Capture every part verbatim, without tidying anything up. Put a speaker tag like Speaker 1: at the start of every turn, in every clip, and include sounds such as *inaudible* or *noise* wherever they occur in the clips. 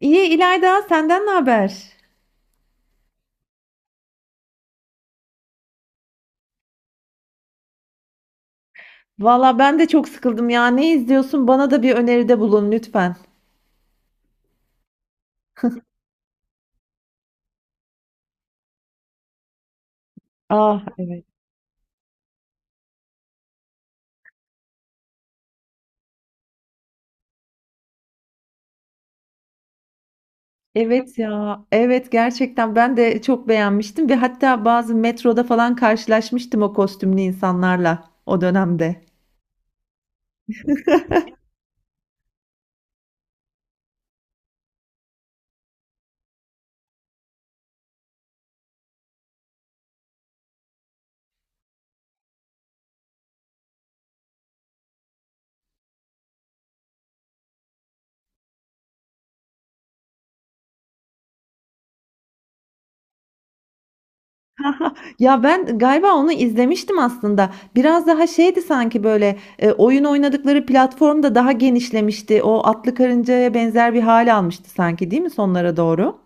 Speaker 1: İyi İlayda, senden ne haber? Valla ben de çok sıkıldım ya. Ne izliyorsun? Bana da bir öneride bulun lütfen. Ah evet. Evet ya. Evet gerçekten ben de çok beğenmiştim ve hatta bazı metroda falan karşılaşmıştım o kostümlü insanlarla o dönemde. Ya ben galiba onu izlemiştim aslında. Biraz daha şeydi sanki böyle e, oyun oynadıkları platform da daha genişlemişti. O atlı karıncaya benzer bir hal almıştı sanki değil mi sonlara doğru?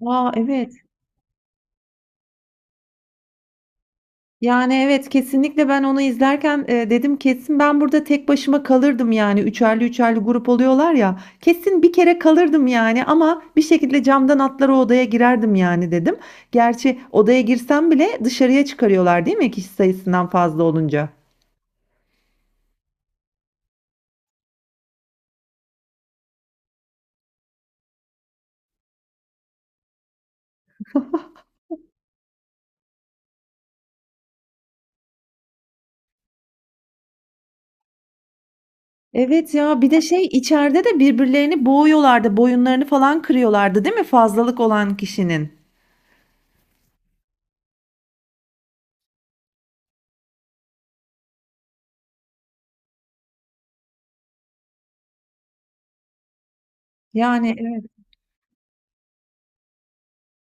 Speaker 1: Aa evet. Yani evet kesinlikle ben onu izlerken, eee, dedim kesin ben burada tek başıma kalırdım yani üçerli üçerli grup oluyorlar ya, kesin bir kere kalırdım yani ama bir şekilde camdan atlar o odaya girerdim yani dedim. Gerçi odaya girsem bile dışarıya çıkarıyorlar değil mi kişi sayısından fazla olunca? Evet ya bir de şey içeride de birbirlerini boğuyorlardı, boyunlarını falan kırıyorlardı değil mi fazlalık olan kişinin? Yani evet.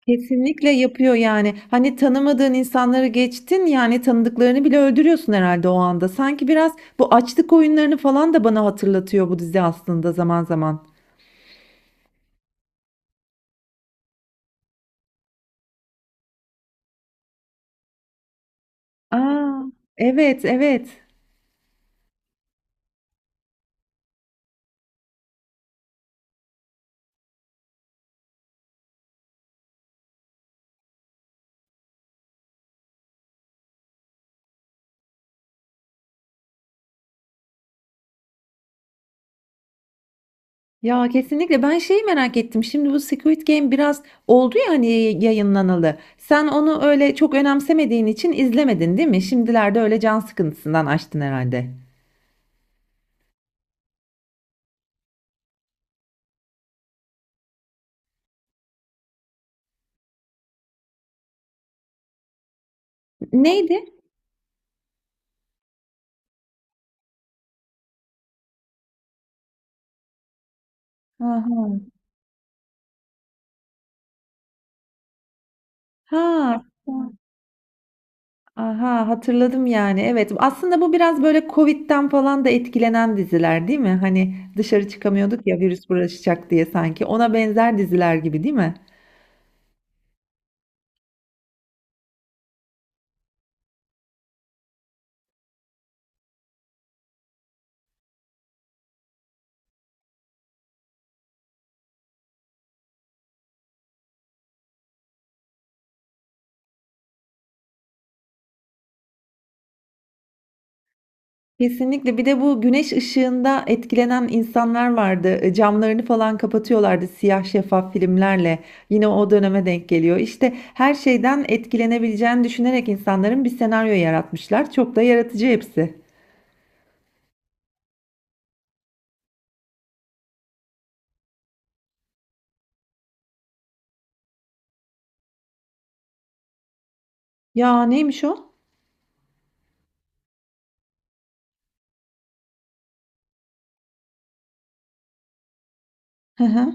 Speaker 1: Kesinlikle yapıyor yani. Hani tanımadığın insanları geçtin yani tanıdıklarını bile öldürüyorsun herhalde o anda. Sanki biraz bu açlık oyunlarını falan da bana hatırlatıyor bu dizi aslında zaman zaman. Aa, evet evet. Ya kesinlikle ben şeyi merak ettim. Şimdi bu Squid Game biraz oldu ya hani yayınlanalı. Sen onu öyle çok önemsemediğin için izlemedin değil mi? Şimdilerde öyle can sıkıntısından açtın herhalde. Neydi? Aha. Ha. Aha hatırladım yani. Evet. Aslında bu biraz böyle Covid'den falan da etkilenen diziler değil mi? Hani dışarı çıkamıyorduk ya virüs bulaşacak diye sanki. Ona benzer diziler gibi değil mi? Kesinlikle. Bir de bu güneş ışığında etkilenen insanlar vardı. E, camlarını falan kapatıyorlardı siyah şeffaf filmlerle. Yine o döneme denk geliyor. İşte her şeyden etkilenebileceğini düşünerek insanların bir senaryo yaratmışlar. Çok da yaratıcı hepsi. Ya neymiş o? Hı hı.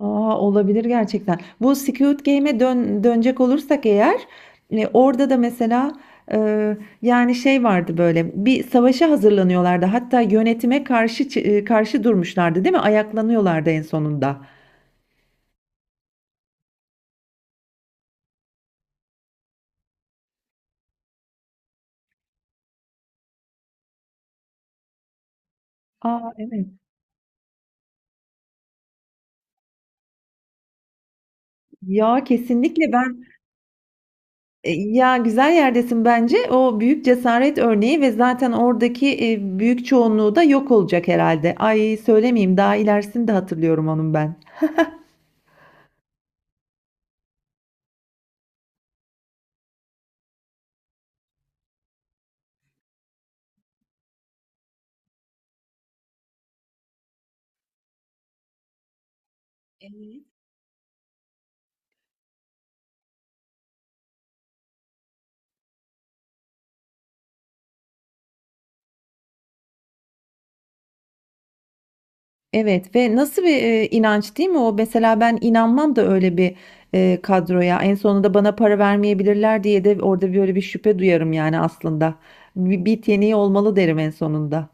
Speaker 1: Aa, olabilir gerçekten. Bu Squid Game'e dön dönecek olursak eğer, e, orada da mesela, e, yani şey vardı, böyle bir savaşa hazırlanıyorlardı. Hatta yönetime karşı çı- e, karşı durmuşlardı, değil mi? Ayaklanıyorlardı en sonunda. Aa evet. Ya kesinlikle ben, e, ya güzel yerdesin bence. O büyük cesaret örneği ve zaten oradaki e, büyük çoğunluğu da yok olacak herhalde. Ay söylemeyeyim daha ilerisini de hatırlıyorum onun ben. Evet ve nasıl bir e, inanç değil mi o? Mesela ben inanmam da öyle bir e, kadroya. En sonunda bana para vermeyebilirler diye de orada böyle bir şüphe duyarım yani aslında. Bir, bir yeteneği olmalı derim en sonunda.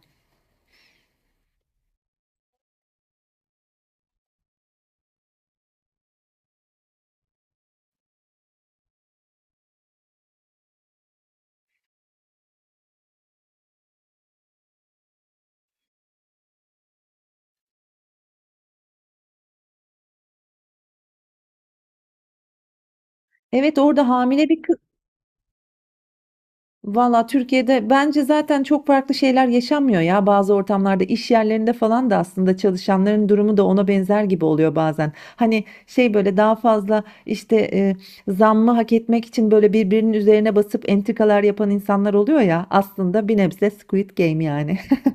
Speaker 1: Evet orada hamile bir kız. Valla Türkiye'de bence zaten çok farklı şeyler yaşanmıyor ya. Bazı ortamlarda iş yerlerinde falan da aslında çalışanların durumu da ona benzer gibi oluyor bazen. Hani şey böyle daha fazla işte, e, zammı hak etmek için böyle birbirinin üzerine basıp entrikalar yapan insanlar oluyor ya. Aslında bir nebze Squid Game yani. *laughs*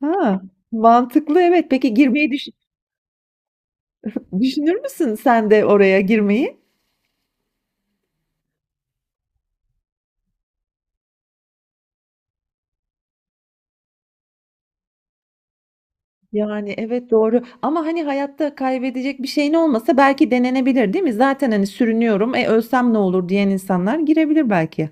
Speaker 1: Ha, mantıklı evet. Peki girmeyi düş- düşünür müsün sen de oraya girmeyi? Yani evet doğru ama hani hayatta kaybedecek bir şeyin olmasa belki denenebilir değil mi? Zaten hani sürünüyorum, e ölsem ne olur diyen insanlar girebilir belki.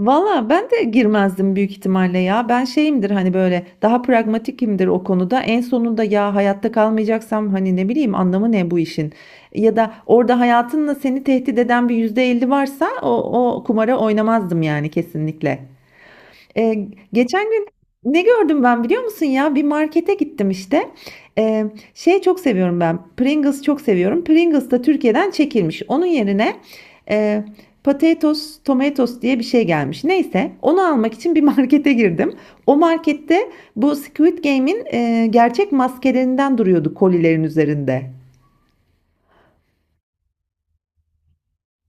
Speaker 1: Valla ben de girmezdim büyük ihtimalle ya. Ben şeyimdir hani böyle, daha pragmatikimdir o konuda. En sonunda ya hayatta kalmayacaksam hani ne bileyim, anlamı ne bu işin? Ya da orada hayatınla seni tehdit eden bir yüzde elli varsa o, o kumara oynamazdım yani kesinlikle. Ee, geçen gün ne gördüm ben biliyor musun ya? Bir markete gittim işte. Ee, şey çok seviyorum ben. Pringles çok seviyorum. Pringles da Türkiye'den çekilmiş. Onun yerine e, Potatoes, Tomatoes diye bir şey gelmiş. Neyse, onu almak için bir *laughs* markete girdim. O markette bu Squid Game'in e, gerçek maskelerinden duruyordu kolilerin üzerinde.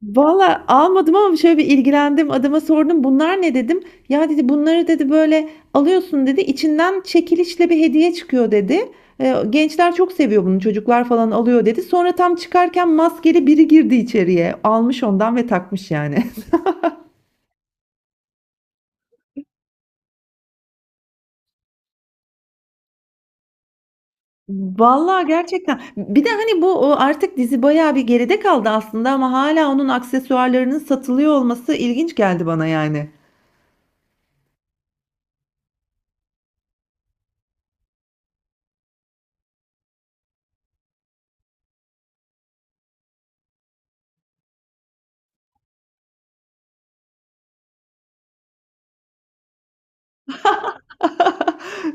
Speaker 1: Valla almadım ama şöyle bir ilgilendim. Adama sordum, bunlar ne dedim. Ya dedi, bunları dedi böyle alıyorsun dedi. İçinden çekilişle bir hediye çıkıyor dedi. "E, gençler çok seviyor bunu, çocuklar falan alıyor dedi. Sonra tam çıkarken maskeli biri girdi içeriye. Almış ondan ve takmış yani. Valla gerçekten. Bir de hani bu, o artık dizi bayağı bir geride kaldı aslında ama hala onun aksesuarlarının satılıyor olması ilginç geldi bana yani.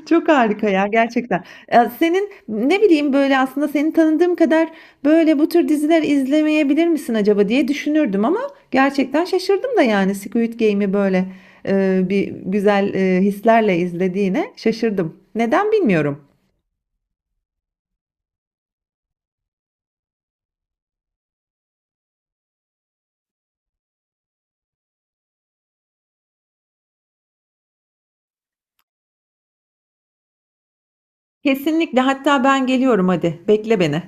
Speaker 1: Çok harika ya gerçekten. Ya senin ne bileyim, böyle aslında seni tanıdığım kadar böyle bu tür diziler izlemeyebilir misin acaba diye düşünürdüm, ama gerçekten şaşırdım da yani Squid Game'i böyle e, bir güzel e, hislerle izlediğine şaşırdım. Neden bilmiyorum. Kesinlikle, hatta ben geliyorum, hadi bekle beni.